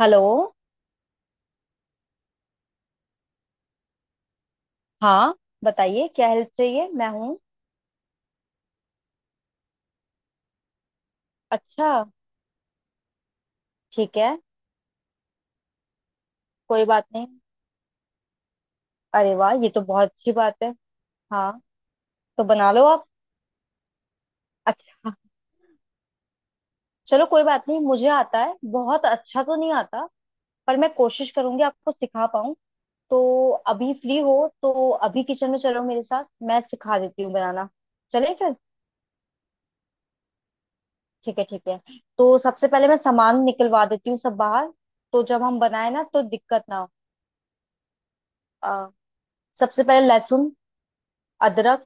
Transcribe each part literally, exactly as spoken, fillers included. Hello. हाँ, बताइए क्या हेल्प चाहिए, मैं हूँ। अच्छा। ठीक है, कोई बात नहीं। अरे वाह, ये तो बहुत अच्छी बात है। हाँ, तो बना लो आप। अच्छा, चलो कोई बात नहीं, मुझे आता है, बहुत अच्छा तो नहीं आता, पर मैं कोशिश करूंगी आपको सिखा पाऊँ। तो अभी फ्री हो? तो अभी किचन में चलो मेरे साथ, मैं सिखा देती हूँ बनाना। चले फिर। ठीक है ठीक है। तो सबसे पहले मैं सामान निकलवा देती हूँ सब बाहर, तो जब हम बनाए ना, तो दिक्कत ना हो। अ, सबसे पहले लहसुन, अदरक,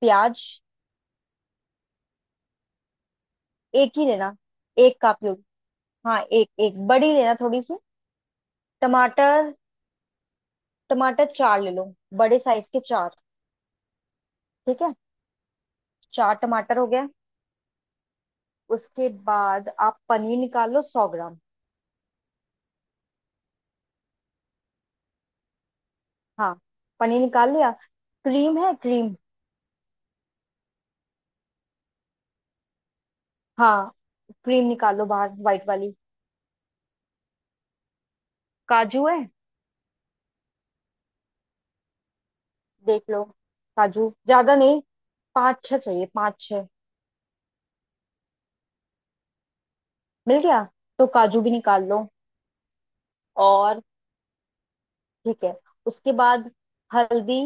प्याज। एक ही लेना, एक काप लो। हाँ, एक एक बड़ी लेना, थोड़ी सी। टमाटर, टमाटर चार ले लो, बड़े साइज के चार। ठीक है, चार टमाटर हो गया। उसके बाद आप पनीर निकाल लो, सौ ग्राम। हाँ, पनीर निकाल लिया। क्रीम है क्रीम? हाँ, क्रीम निकाल लो बाहर, वाइट वाली। काजू है? देख लो। काजू ज्यादा नहीं, पाँच छह चाहिए, पाँच छह। मिल गया, तो काजू भी निकाल लो। और ठीक है, उसके बाद हल्दी,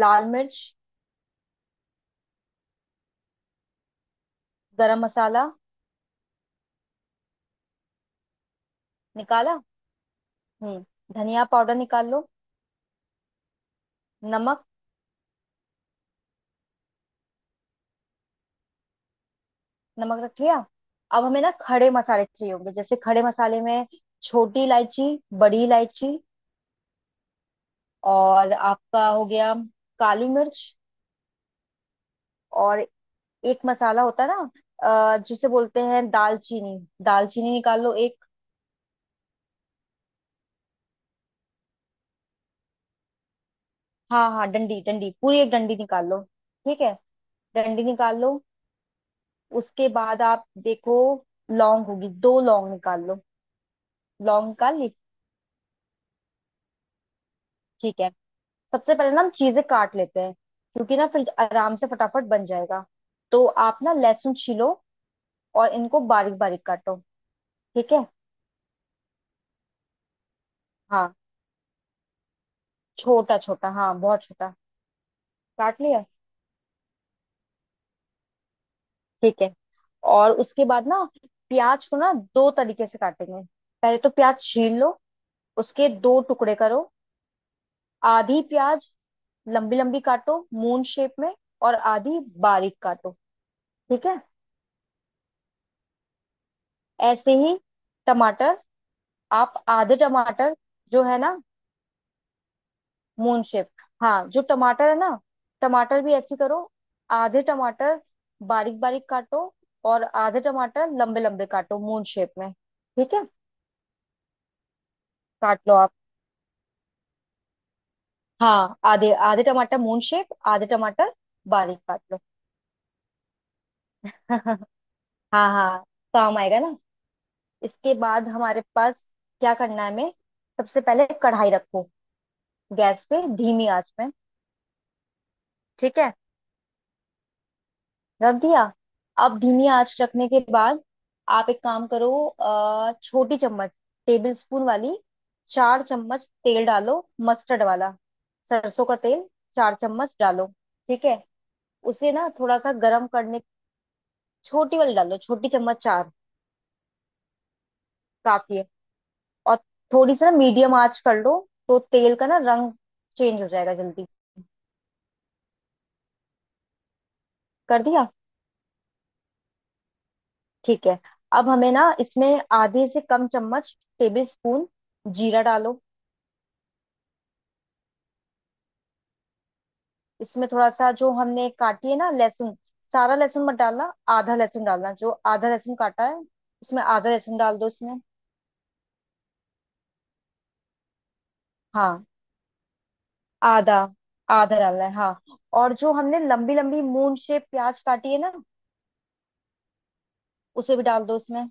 लाल मिर्च, गरम मसाला निकाला। हम्म। धनिया पाउडर निकाल लो, नमक। नमक रख लिया। अब हमें ना खड़े मसाले चाहिए होंगे, जैसे खड़े मसाले में छोटी इलायची, बड़ी इलायची, और आपका हो गया काली मिर्च, और एक मसाला होता है ना, अ, जिसे बोलते हैं दालचीनी। दालचीनी निकाल लो एक। हाँ हाँ, डंडी डंडी पूरी, एक डंडी निकाल लो। ठीक है, डंडी निकाल लो। उसके बाद आप देखो लौंग होगी, दो लौंग निकाल लो, लौंग निकाल ली। ठीक है। सबसे पहले ना हम चीजें काट लेते हैं, क्योंकि ना फिर आराम से फटाफट बन जाएगा। तो आप ना लहसुन छीलो, और इनको बारीक बारीक काटो। ठीक है। हाँ, छोटा छोटा, हाँ बहुत छोटा। काट लिया? ठीक है। और उसके बाद ना प्याज को ना दो तरीके से काटेंगे। पहले तो प्याज छील लो, उसके दो टुकड़े करो। आधी प्याज लंबी लंबी काटो, मून शेप में, और आधी बारीक काटो। ठीक है, ऐसे ही। टमाटर, आप आधे टमाटर जो है ना मून शेप, हाँ जो टमाटर है ना, टमाटर भी ऐसे करो। आधे टमाटर बारीक बारीक काटो, और आधे टमाटर लंबे लंबे काटो मून शेप में। ठीक है, काट लो आप। हाँ, आधे आधे टमाटर मून शेप, आधे टमाटर बारीक काट लो। हाँ हाँ, काम आएगा ना। इसके बाद हमारे पास क्या करना है हमें, सबसे पहले कढ़ाई रखो गैस पे धीमी आंच में। ठीक है, रख दिया। अब धीमी आंच रखने के बाद आप एक काम करो, अ, छोटी चम्मच टेबल स्पून वाली, चार चम्मच तेल डालो, मस्टर्ड वाला, सरसों का तेल। चार चम्मच डालो। ठीक है, उसे ना थोड़ा सा गरम करने। छोटी वाली डालो, छोटी चम्मच चार काफी है। और थोड़ी सी ना मीडियम आंच कर लो, तो तेल का ना रंग चेंज हो जाएगा जल्दी। कर दिया? ठीक है। अब हमें ना इसमें आधे से कम चम्मच टेबल स्पून जीरा डालो। इसमें थोड़ा सा जो हमने काटी है ना लहसुन, सारा लहसुन मत डालना, आधा लहसुन डालना, जो आधा लहसुन काटा है उसमें, आधा लहसुन डाल दो इसमें। हाँ, आधा, आधा डालना है हाँ। और जो हमने लंबी लंबी मून शेप प्याज काटी है ना, उसे भी डाल दो इसमें।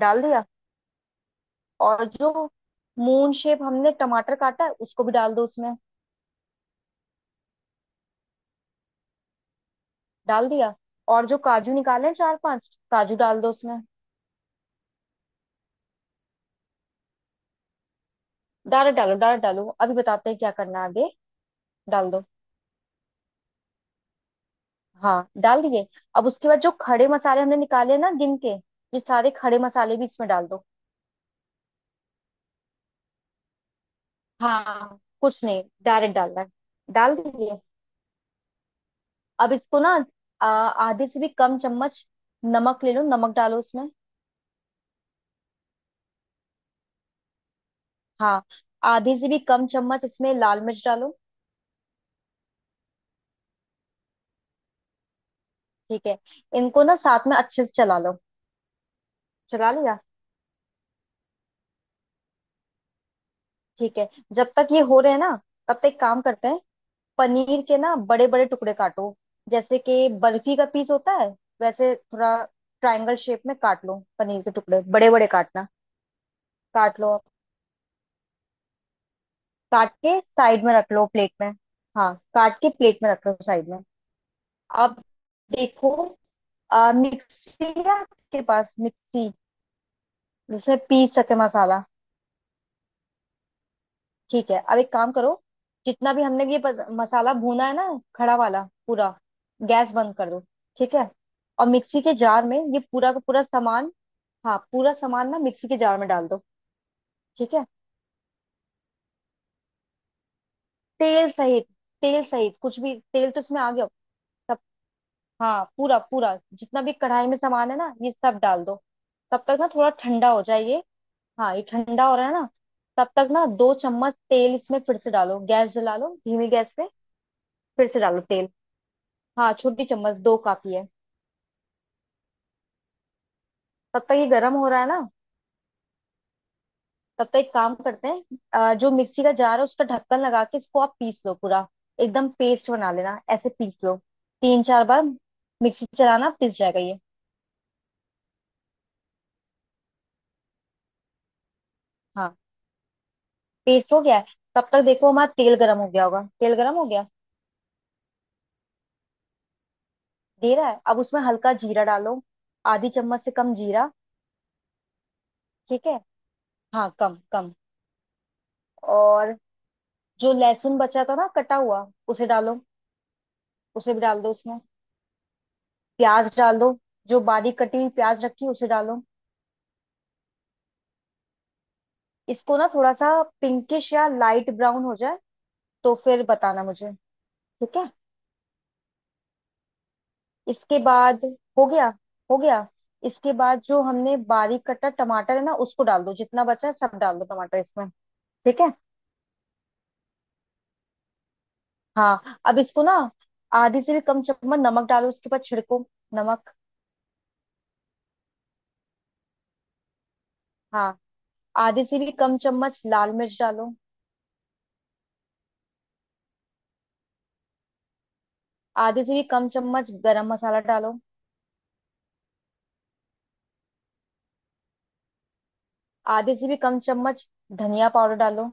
डाल दिया। और जो मून शेप हमने टमाटर काटा है, उसको भी डाल दो उसमें। डाल दिया। और जो काजू निकाले हैं, चार पांच काजू डाल दो उसमें। डायरेक्ट डालो, डायरेक्ट डालो, अभी बताते हैं क्या करना है आगे। डाल दो। हाँ, डाल दिए। अब उसके बाद जो खड़े मसाले हमने निकाले ना गिन के, ये सारे खड़े मसाले भी इसमें डाल दो। हाँ, कुछ नहीं, डायरेक्ट डालना है। डाल दिए। अब इसको ना आ, आधे से भी कम चम्मच नमक ले लो, नमक डालो इसमें। हाँ, आधे से भी कम चम्मच इसमें लाल मिर्च डालो। ठीक है, इनको ना साथ में अच्छे से चला लो। चला लिया? ठीक है। जब तक ये हो रहे हैं ना, तब तक एक काम करते हैं, पनीर के ना बड़े बड़े टुकड़े काटो। जैसे कि बर्फी का पीस होता है, वैसे थोड़ा ट्रायंगल शेप में काट लो, पनीर के टुकड़े बड़े बड़े काटना। काट लो। काट के साइड में रख लो प्लेट में। हाँ, काट के प्लेट में रख लो साइड में। अब देखो, आ, मिक्सी है आपके पास मिक्सी, जिससे पीस सके मसाला। ठीक है, अब एक काम करो, जितना भी हमने ये पस- मसाला भूना है ना खड़ा वाला पूरा, गैस बंद कर दो। ठीक है, और मिक्सी के जार में ये पूरा का पूरा सामान, हाँ पूरा सामान ना मिक्सी के जार में डाल दो। ठीक है, तेल सहित, तेल सहित, कुछ भी, तेल तो इसमें आ गया सब। हाँ पूरा पूरा, जितना भी कढ़ाई में सामान है ना, ये सब डाल दो। तब तक ना थोड़ा ठंडा हो जाए ये। हाँ ये ठंडा हो रहा है ना, तब तक ना दो चम्मच तेल इसमें फिर से डालो, गैस जला लो धीमी गैस पे। फिर से डालो तेल, हाँ छोटी चम्मच दो काफी है। तब तक ये गर्म हो रहा है ना, तब तो एक काम करते हैं, अ, जो मिक्सी का जार है, उसका ढक्कन लगा के इसको आप पीस लो पूरा, एकदम पेस्ट बना लेना, ऐसे पीस लो। तीन चार बार मिक्सी चलाना, पिस जाएगा ये। हाँ, पेस्ट हो गया है। तब तक देखो हमारा तेल गर्म हो गया होगा, तेल गर्म हो गया। दे रहा है, अब उसमें हल्का जीरा डालो, आधी चम्मच से कम जीरा। ठीक है, हाँ कम कम। और जो लहसुन बचा था ना कटा हुआ, उसे डालो, उसे भी डाल दो उसमें। प्याज डाल दो, जो बारीक कटी हुई प्याज रखी है, उसे डालो। इसको ना थोड़ा सा पिंकिश या लाइट ब्राउन हो जाए, तो फिर बताना मुझे। ठीक है, इसके बाद हो गया? हो गया। इसके बाद जो हमने बारीक कटा टमाटर है ना, उसको डाल दो, जितना बचा है सब डाल दो टमाटर इसमें। ठीक है। हाँ, अब इसको ना आधी से भी कम चम्मच नमक डालो, उसके बाद छिड़को नमक। हाँ, आधे से भी कम चम्मच लाल मिर्च डालो। आधे से भी कम चम्मच गरम मसाला डालो। आधे से भी कम चम्मच धनिया पाउडर डालो।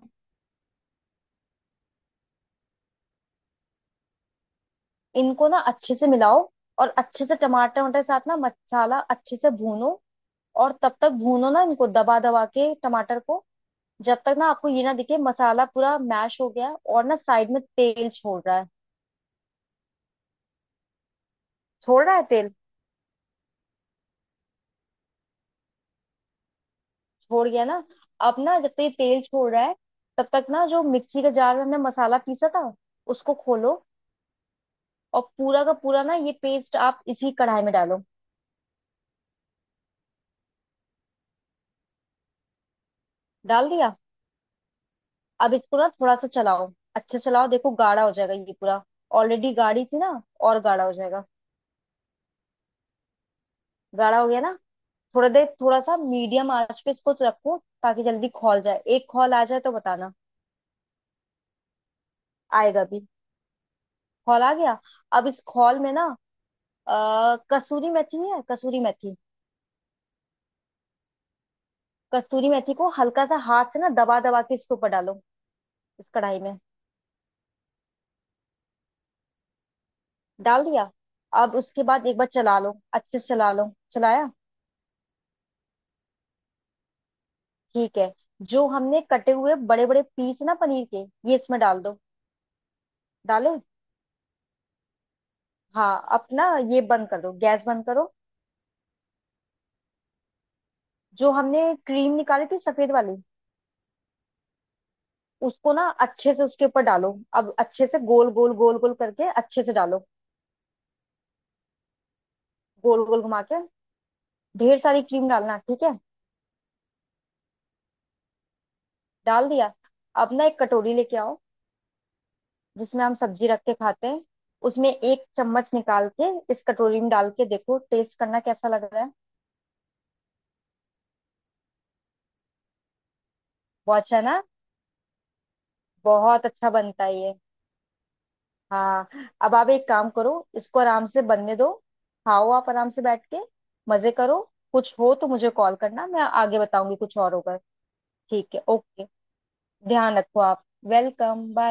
इनको ना अच्छे से मिलाओ, और अच्छे से टमाटर, टमाटर के साथ ना मसाला अच्छे से भूनो। और तब तक भूनो ना, इनको दबा दबा के टमाटर को, जब तक ना आपको ये ना दिखे मसाला पूरा मैश हो गया है, और ना साइड में तेल छोड़ रहा है। छोड़ रहा है तेल? छोड़ गया ना। अब ना जब तक ये तेल छोड़ रहा है, तब तक ना जो मिक्सी के जार में हमने मसाला पीसा था, उसको खोलो, और पूरा का पूरा ना ये पेस्ट आप इसी कढ़ाई में डालो। डाल दिया। अब इसको ना थोड़ा सा चलाओ, अच्छा चलाओ, देखो गाढ़ा हो जाएगा ये पूरा। ऑलरेडी गाढ़ी थी ना, और गाढ़ा हो जाएगा। गाढ़ा हो गया ना। थोड़ा देर थोड़ा सा मीडियम आंच पे इसको तो रखो, ताकि जल्दी खौल जाए, एक खौल आ जाए तो बताना। आएगा भी। खौल आ गया। अब इस खौल में ना अ, कसूरी मेथी है? कसूरी मेथी। कसूरी मेथी को हल्का सा हाथ से ना दबा दबा के इसके ऊपर डालो, इस कढ़ाई में। डाल दिया। अब उसके बाद एक बार चला लो, अच्छे से चला लो। चलाया? ठीक है। जो हमने कटे हुए बड़े बड़े पीस ना पनीर के, ये इसमें डाल दो। डाले? हाँ, अपना ये बंद कर दो, गैस बंद करो। जो हमने क्रीम निकाली थी सफेद वाली, उसको ना अच्छे से उसके ऊपर डालो, अब अच्छे से गोल गोल गोल गोल करके अच्छे से डालो, गोल गोल घुमा के। ढेर सारी क्रीम डालना, ठीक है। डाल दिया। अब ना एक कटोरी लेके आओ, जिसमें हम सब्जी रख के खाते हैं, उसमें एक चम्मच निकाल के इस कटोरी में डाल के देखो, टेस्ट करना कैसा लग रहा है। बहुत अच्छा है ना, बहुत अच्छा बनता है ये। हाँ, अब आप एक काम करो, इसको आराम से बनने दो, खाओ आप आराम से बैठ के, मजे करो। कुछ हो तो मुझे कॉल करना, मैं आगे बताऊंगी कुछ और होगा। ठीक है, ओके, ध्यान रखो आप। Welcome, bye.